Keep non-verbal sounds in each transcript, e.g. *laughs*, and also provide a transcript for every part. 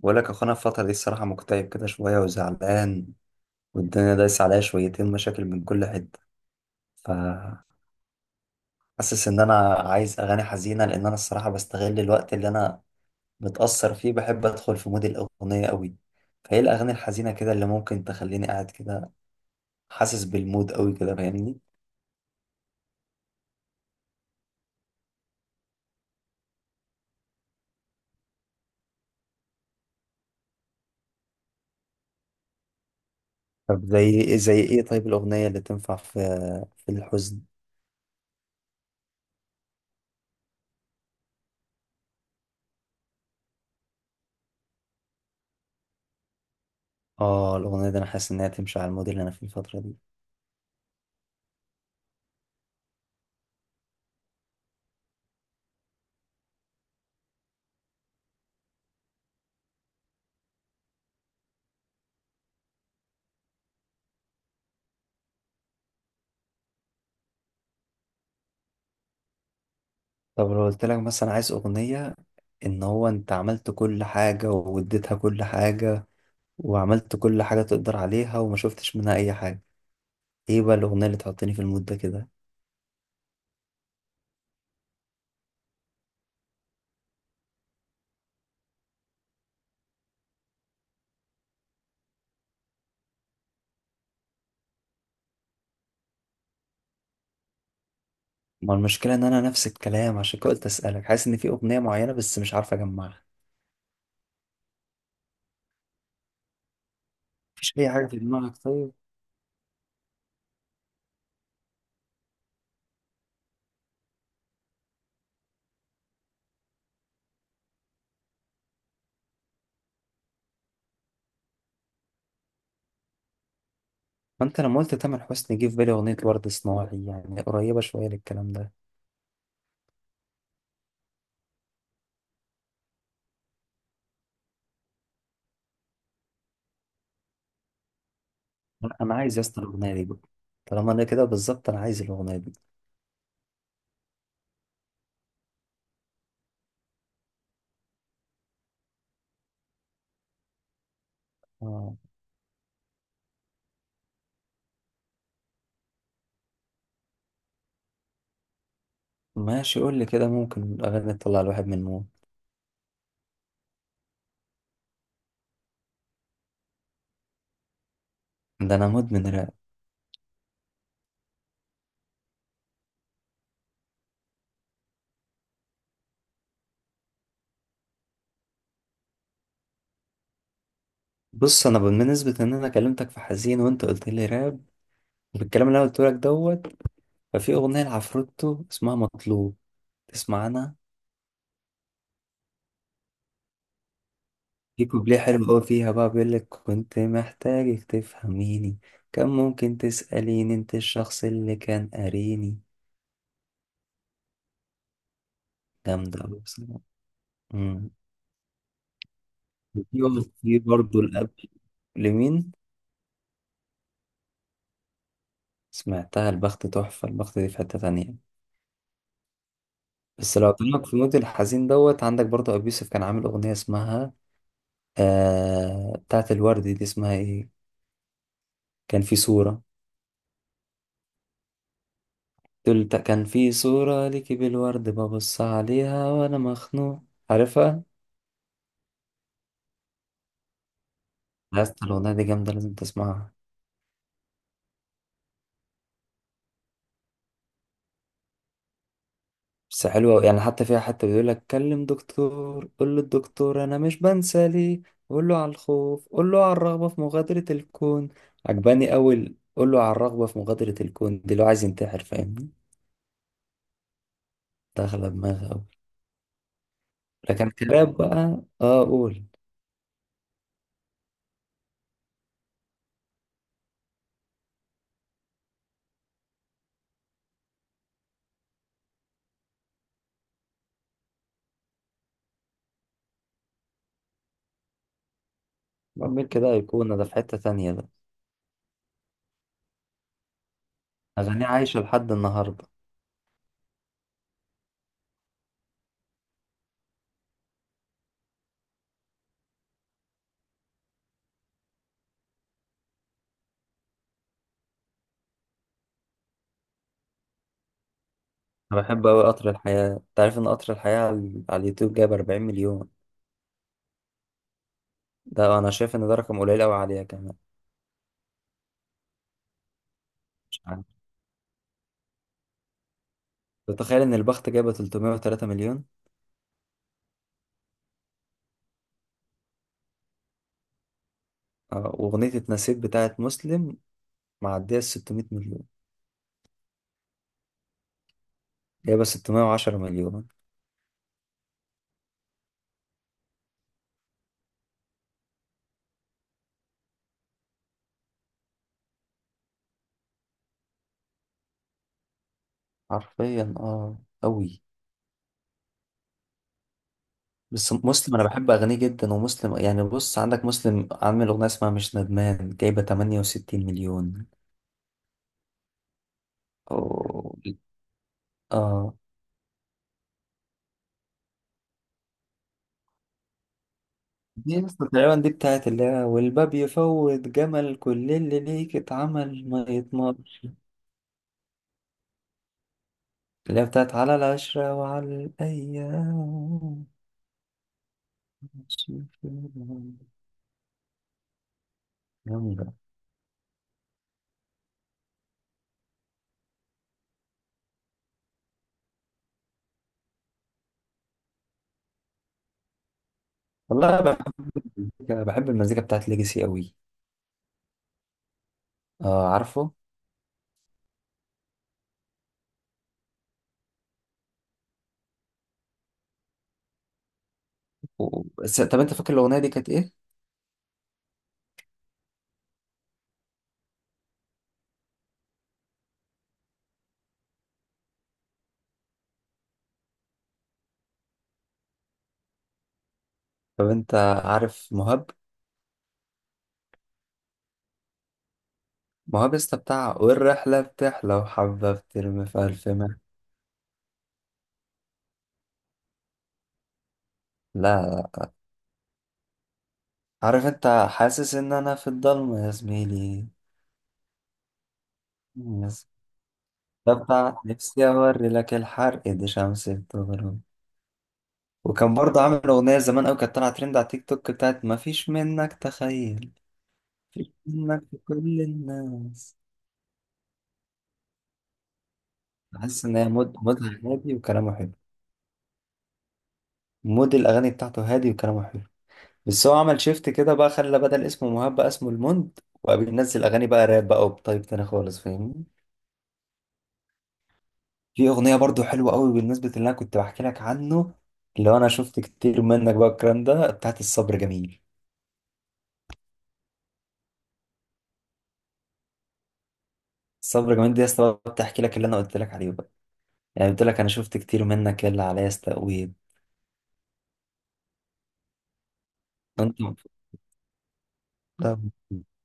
بقول لك يا اخوانا، الفترة دي الصراحة مكتئب كده شوية وزعلان، والدنيا دايسة عليا شويتين مشاكل من كل حتة. فحاسس إن أنا عايز أغاني حزينة، لأن أنا الصراحة بستغل الوقت اللي أنا متأثر فيه، بحب أدخل في مود الأغنية أوي. فإيه الأغاني الحزينة كده اللي ممكن تخليني قاعد كده حاسس بالمود أوي كده، فاهمني؟ طب زي إيه؟ طيب الأغنية اللي تنفع في الحزن؟ آه، الأغنية دي أنا حاسس إنها تمشي على المود اللي أنا فيه الفترة دي. طب لو قلت لك مثلا عايز أغنية، ان هو انت عملت كل حاجة واديتها كل حاجة، وعملت كل حاجة تقدر عليها وما شفتش منها اي حاجة، ايه بقى الاغنية اللي تحطني في المود ده كده؟ ما المشكلة ان انا نفس الكلام، عشان كده قلت اسألك. حاسس ان في اغنية معينة بس مش عارف اجمعها. مفيش اي حاجة في دماغك طيب؟ ما انت لما قلت تامر حسني جه في بالي اغنية ورد صناعي، يعني قريبة شوية للكلام ده. لا، انا عايز يا اسطى الاغنية دي بقى. طالما انا كده بالظبط انا عايز الاغنية دي. آه. ماشي، قول لي كده، ممكن اغاني تطلع الواحد من مود؟ ده انا مدمن راب. بص، انا بالنسبه ان انا كلمتك في حزين وانت قلت لي راب، بالكلام اللي انا قلت لك دوت، ففي اغنيه لعفروتو اسمها مطلوب، تسمع عنها؟ في كوبليه حلو قوي فيها بقى بيقول لك كنت محتاجك تفهميني، كان ممكن تساليني، انت الشخص اللي كان قاريني. جامده قوي بصراحه. أمم. في برضه الاب لمين؟ سمعتها، البخت تحفه، البخت دي في حته تانية. بس لو قلت لك في المود الحزين دوت، عندك برضه ابيوسف كان عامل اغنيه اسمها، آه، بتاعت الورد، دي اسمها ايه؟ كان في صورة. قلت كان في صورة ليكي بالورد ببص عليها وانا مخنوق، عارفها؟ يا اسطى الاغنية دي جامدة، لازم تسمعها. بس حلوة أوي. يعني حتى فيها حتى بيقول لك كلم دكتور، قول للدكتور انا مش بنسى ليه، قول له على الخوف، قول له على الرغبة في مغادرة الكون. عجباني اول قول له على الرغبة في مغادرة الكون دي، لو عايز ينتحر، فاهمني؟ داخلة دماغي أوي. لكن الكلاب بقى اه قول. بعمل كده أيقونة ده، في حتة تانية ده. أغانيه عايشة لحد النهاردة. أنا بحب أوي قطر الحياة. أنت عارف إن قطر الحياة على اليوتيوب جايب 40 مليون؟ ده أنا شايف إن ده رقم قليل أوي عليها كمان. مش عارف. تتخيل إن البخت جايبة 303 مليون؟ آه، وأغنية اتنسيت بتاعت مسلم معدية ال 600 مليون. جايبة 610 مليون. حرفيا اه. أوي. بس مسلم أنا بحب أغانيه جدا، ومسلم يعني بص عندك مسلم عامل أغنية اسمها مش ندمان جايبة 68 مليون. أوه. اه. دي لسه تقريبا، دي بتاعت اللي هي والباب يفوت جمل، كل اللي ليك اتعمل ما يتمرش. اللي هي بتاعت على العشرة وعلى الأيام. شوف الهوى. جامدة. والله بحب المزيكا، بحب المزيكا بتاعت ليجاسي قوي. اه عارفه. بس طب انت فاكر الأغنية دي كانت ايه؟ طب انت عارف مهاب؟ مهاب لسه بتاع والرحلة بتحلى وحبة بترمي في ألف مح. لا. لا. عارف انت حاسس ان انا في الضلمة يا زميلي. ده بتاع نفسي أوري لك الحرق دي شمس بتغرب. وكان برضه عامل أغنية زمان أوي كانت طالعة ترند على تيك توك بتاعت مفيش منك تخيل، مفيش منك في كل الناس. بحس إن هي مودها هادي وكلامه حلو. مود الأغاني بتاعته هادي وكلامه حلو. بس هو عمل شيفت كده بقى، خلى بدل اسمه مهاب بقى اسمه الموند، وبقى بينزل أغاني بقى راب بقى، وبطيب تاني خالص، فاهمني؟ في أغنية برضه حلوة أوي بالنسبة اللي أنا كنت بحكي لك عنه، اللي هو أنا شفت كتير منك بقى الكلام ده، بتاعت الصبر جميل. صبري جمال دي يا اسطى بقى بتحكي لك اللي انا قلت لك عليه بقى. يعني قلت لك انا شفت كتير منك يا اللي عليا استقويت. انت. ده- *laughs*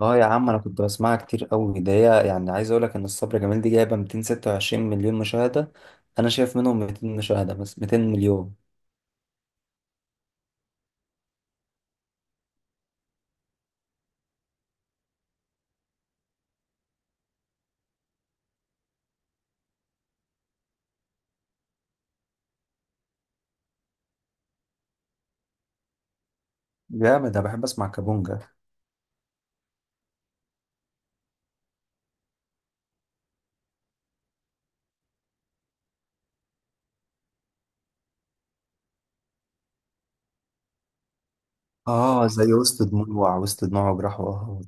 اه يا عم انا كنت بسمعها كتير قوي ده هي. يعني عايز اقول لك ان الصبر جمال دي جايبه 226 مليون مشاهده. انا شايف منهم 200 مشاهده، بس 200 مليون. جامد. انا بحب اسمع كابونجا. اه زي وسط دموع، وسط دموع وجراح وقهوة.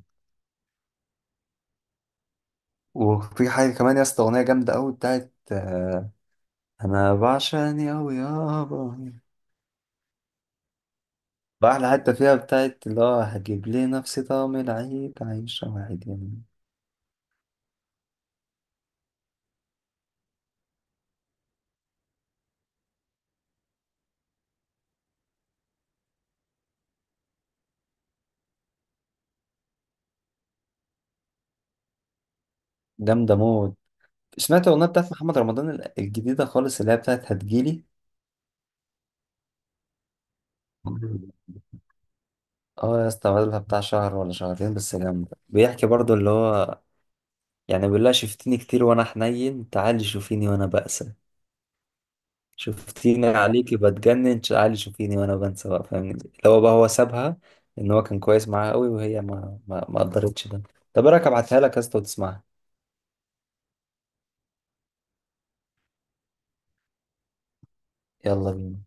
وفي حاجه كمان يا اسطى اغنيه جامده قوي بتاعت انا بعشقني قوي يابا. واحدة حتى فيها بتاعت اللي هو هجيب لي نفسي طعم العيد عايشة واحد يمين. جامدة موت. سمعت الأغنية بتاعت محمد رمضان الجديدة خالص اللي هي بتاعت هتجيلي؟ *laughs* اه يا اسطى بقالها بتاع شهر ولا شهرين، بس جامدة. بيحكي برضو اللي هو، يعني بيقول لها شفتيني كتير وأنا حنين، تعالي شوفيني وأنا بأسى، شفتيني عليكي بتجنن، تعالي شوفيني وأنا بنسى بقى، فاهمني؟ اللي هو بقى هو سابها، إن هو كان كويس معاها قوي، وهي ما قدرتش ده. طب إيه رأيك أبعتها لك يا اسطى وتسمعها؟ يلا بينا.